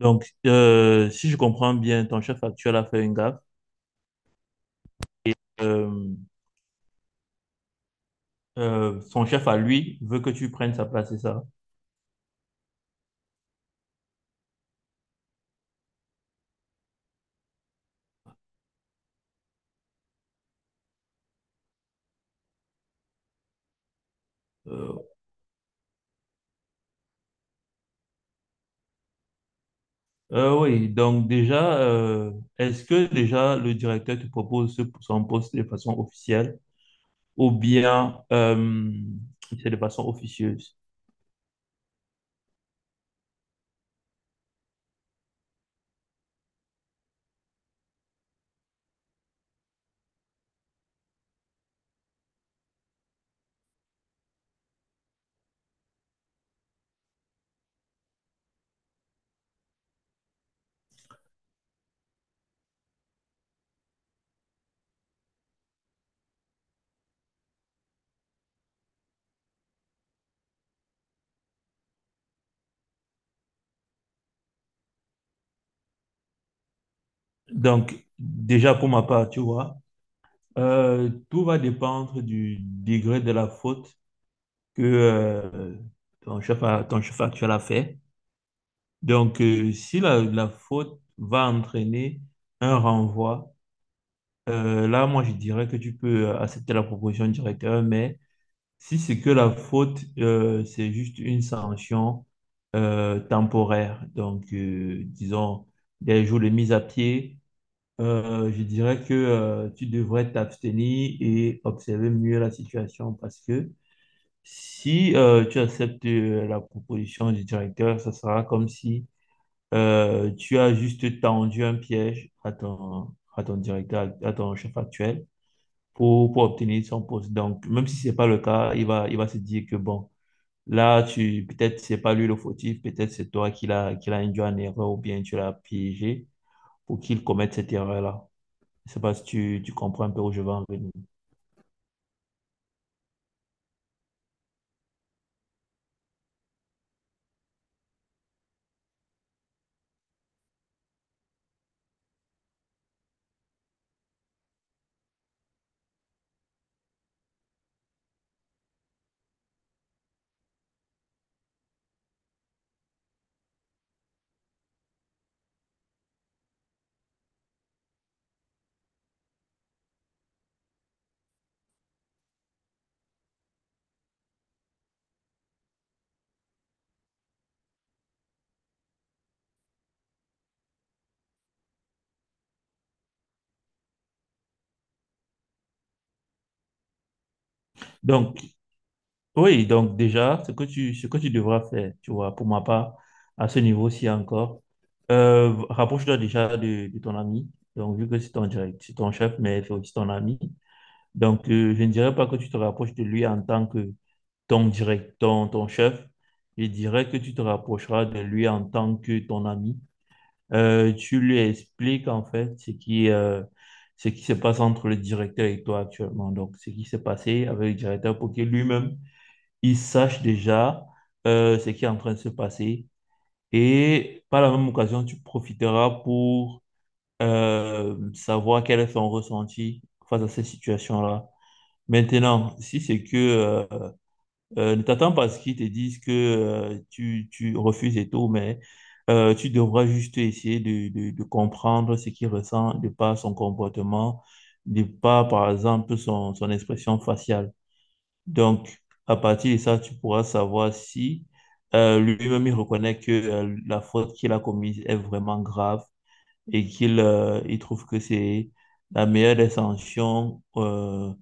Donc, si je comprends bien, ton chef actuel a fait une gaffe. Euh, Son chef à lui veut que tu prennes sa place, c'est ça? Euh, oui, donc déjà, est-ce que déjà le directeur te propose son poste de façon officielle? Ou bien c'est de façon officieuse. Donc, déjà pour ma part, tu vois, tout va dépendre du degré de la faute que ton chef, ton chef actuel a fait. Donc, si la faute va entraîner un renvoi, là, moi, je dirais que tu peux accepter la proposition du directeur, mais si c'est que la faute, c'est juste une sanction temporaire. Donc, disons, des jours de mise à pied, je dirais que tu devrais t'abstenir et observer mieux la situation parce que si tu acceptes la proposition du directeur, ça sera comme si tu as juste tendu un piège à ton directeur, à ton chef actuel pour obtenir son poste. Donc, même si ce n'est pas le cas, il va se dire que bon. Là, tu peut-être c'est pas lui le fautif, peut-être c'est toi qui l'as induit en erreur ou bien tu l'as piégé pour qu'il commette cette erreur-là. Je sais pas si tu, tu comprends un peu où je veux en venir. Donc, oui, donc déjà, ce que tu devras faire, tu vois, pour ma part, à ce niveau-ci encore, rapproche-toi déjà de ton ami. Donc, vu que c'est ton direct, c'est ton chef, mais c'est aussi ton ami. Donc, je ne dirais pas que tu te rapproches de lui en tant que ton direct, ton, ton chef. Je dirais que tu te rapprocheras de lui en tant que ton ami. Tu lui expliques en fait ce qui se passe entre le directeur et toi actuellement. Donc, ce qui s'est passé avec le directeur pour que lui-même, il sache déjà ce qui est en train de se passer. Et par la même occasion, tu profiteras pour savoir quel est son ressenti face à cette situation-là. Maintenant, si c'est que ne t'attends pas à ce qu'ils te disent que tu, tu refuses et tout, mais tu devras juste essayer de comprendre ce qu'il ressent de par son comportement, de par, par exemple, son, son expression faciale. Donc, à partir de ça, tu pourras savoir si lui-même il reconnaît que la faute qu'il a commise est vraiment grave et qu'il il trouve que c'est la meilleure des sanctions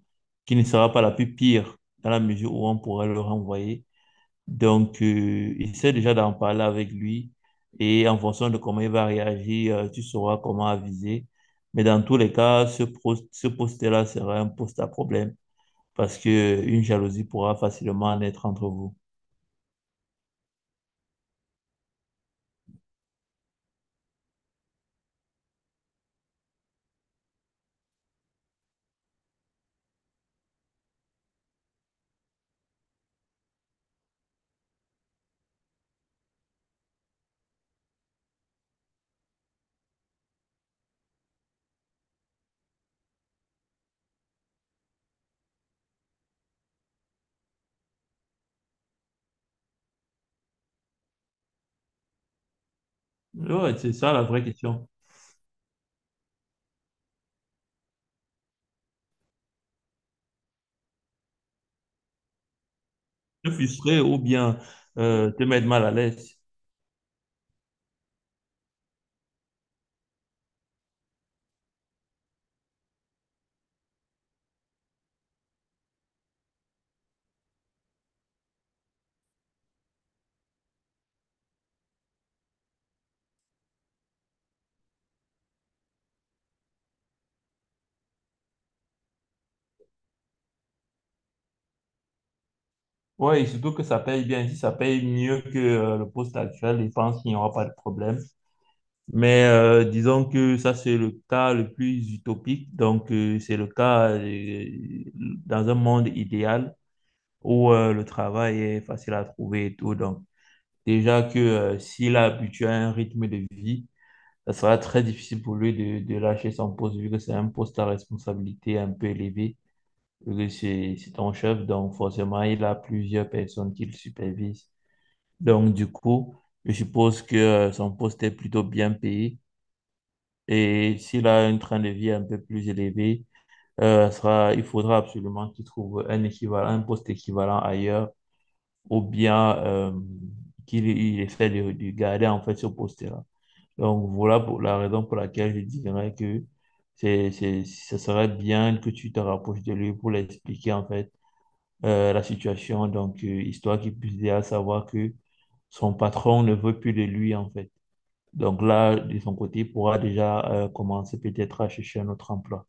qui ne sera pas la plus pire dans la mesure où on pourrait le renvoyer. Donc, essaie déjà d'en parler avec lui et en fonction de comment il va réagir, tu sauras comment aviser. Mais dans tous les cas, ce poste-là sera un poste à problème parce que une jalousie pourra facilement naître entre vous. Ouais, c'est ça la vraie question. Te frustrer ou bien te mettre mal à l'aise. Ouais, et surtout que ça paye bien. Si ça paye mieux que le poste actuel, je pense qu'il n'y aura pas de problème. Mais disons que ça, c'est le cas le plus utopique. Donc, c'est le cas dans un monde idéal où le travail est facile à trouver et tout. Donc, déjà que s'il a habitué à un rythme de vie, ça sera très difficile pour lui de lâcher son poste, vu que c'est un poste à responsabilité un peu élevée, vu que c'est ton chef. Donc, forcément, il a plusieurs personnes qui le supervisent. Donc, du coup, je suppose que son poste est plutôt bien payé. Et s'il a un train de vie un peu plus élevé, sera, il faudra absolument qu'il trouve un équivalent, un poste équivalent ailleurs, ou bien qu'il il essaie de garder en fait ce poste-là. Donc, voilà pour la raison pour laquelle je dirais que c'est, ce serait bien que tu te rapproches de lui pour lui expliquer en fait la situation, donc histoire qu'il puisse déjà savoir que son patron ne veut plus de lui en fait. Donc là, de son côté, il pourra déjà commencer peut-être à chercher un autre emploi.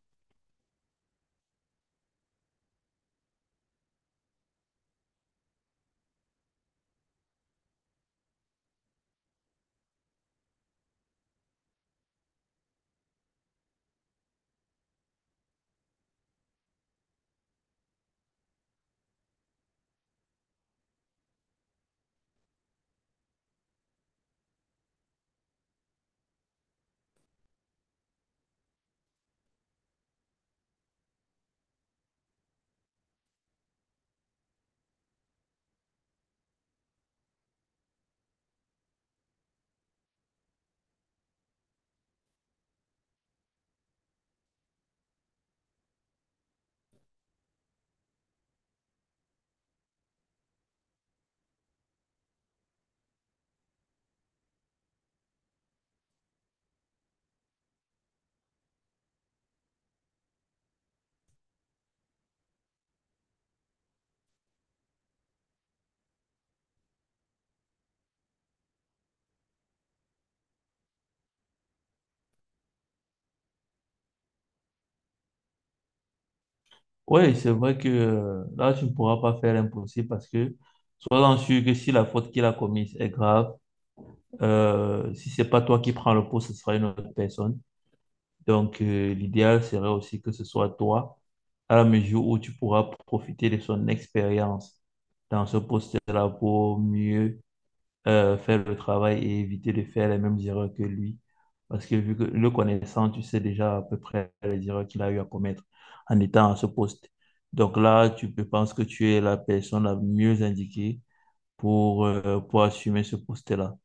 Oui, c'est vrai que là, tu ne pourras pas faire l'impossible parce que sois-en sûr que si la faute qu'il a commise est grave, si c'est pas toi qui prends le poste ce sera une autre personne. Donc l'idéal serait aussi que ce soit toi, à la mesure où tu pourras profiter de son expérience dans ce poste-là pour mieux faire le travail et éviter de faire les mêmes erreurs que lui. Parce que vu que le connaissant, tu sais déjà à peu près les erreurs qu'il a eu à commettre en étant à ce poste. Donc là, tu peux penser que tu es la personne la mieux indiquée pour assumer ce poste-là.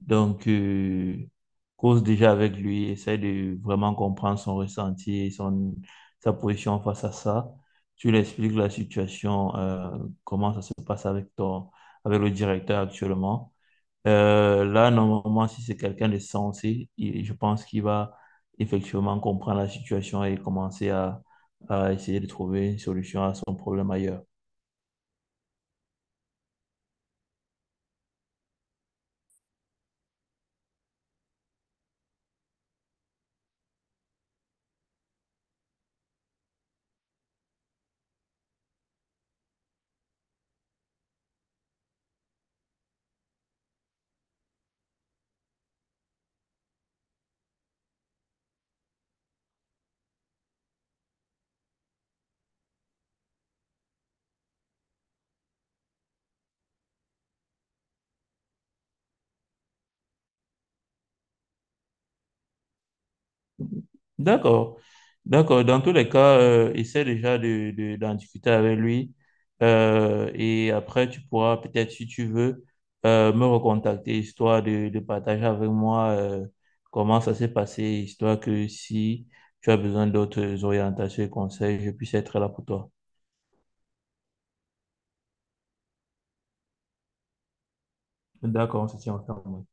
Donc, cause déjà avec lui, essaie de vraiment comprendre son ressenti et son, sa position face à ça. Tu lui expliques la situation, comment ça se passe avec ton, avec le directeur actuellement. Là, normalement, si c'est quelqu'un de sensé, je pense qu'il va effectivement comprendre la situation et commencer à essayer de trouver une solution à son problème ailleurs. D'accord. D'accord. Dans tous les cas, essaie déjà de, d'en discuter avec lui. Et après, tu pourras peut-être, si tu veux, me recontacter, histoire de partager avec moi comment ça s'est passé, histoire que si tu as besoin d'autres orientations et conseils, je puisse être là pour toi. D'accord, on se tient informé.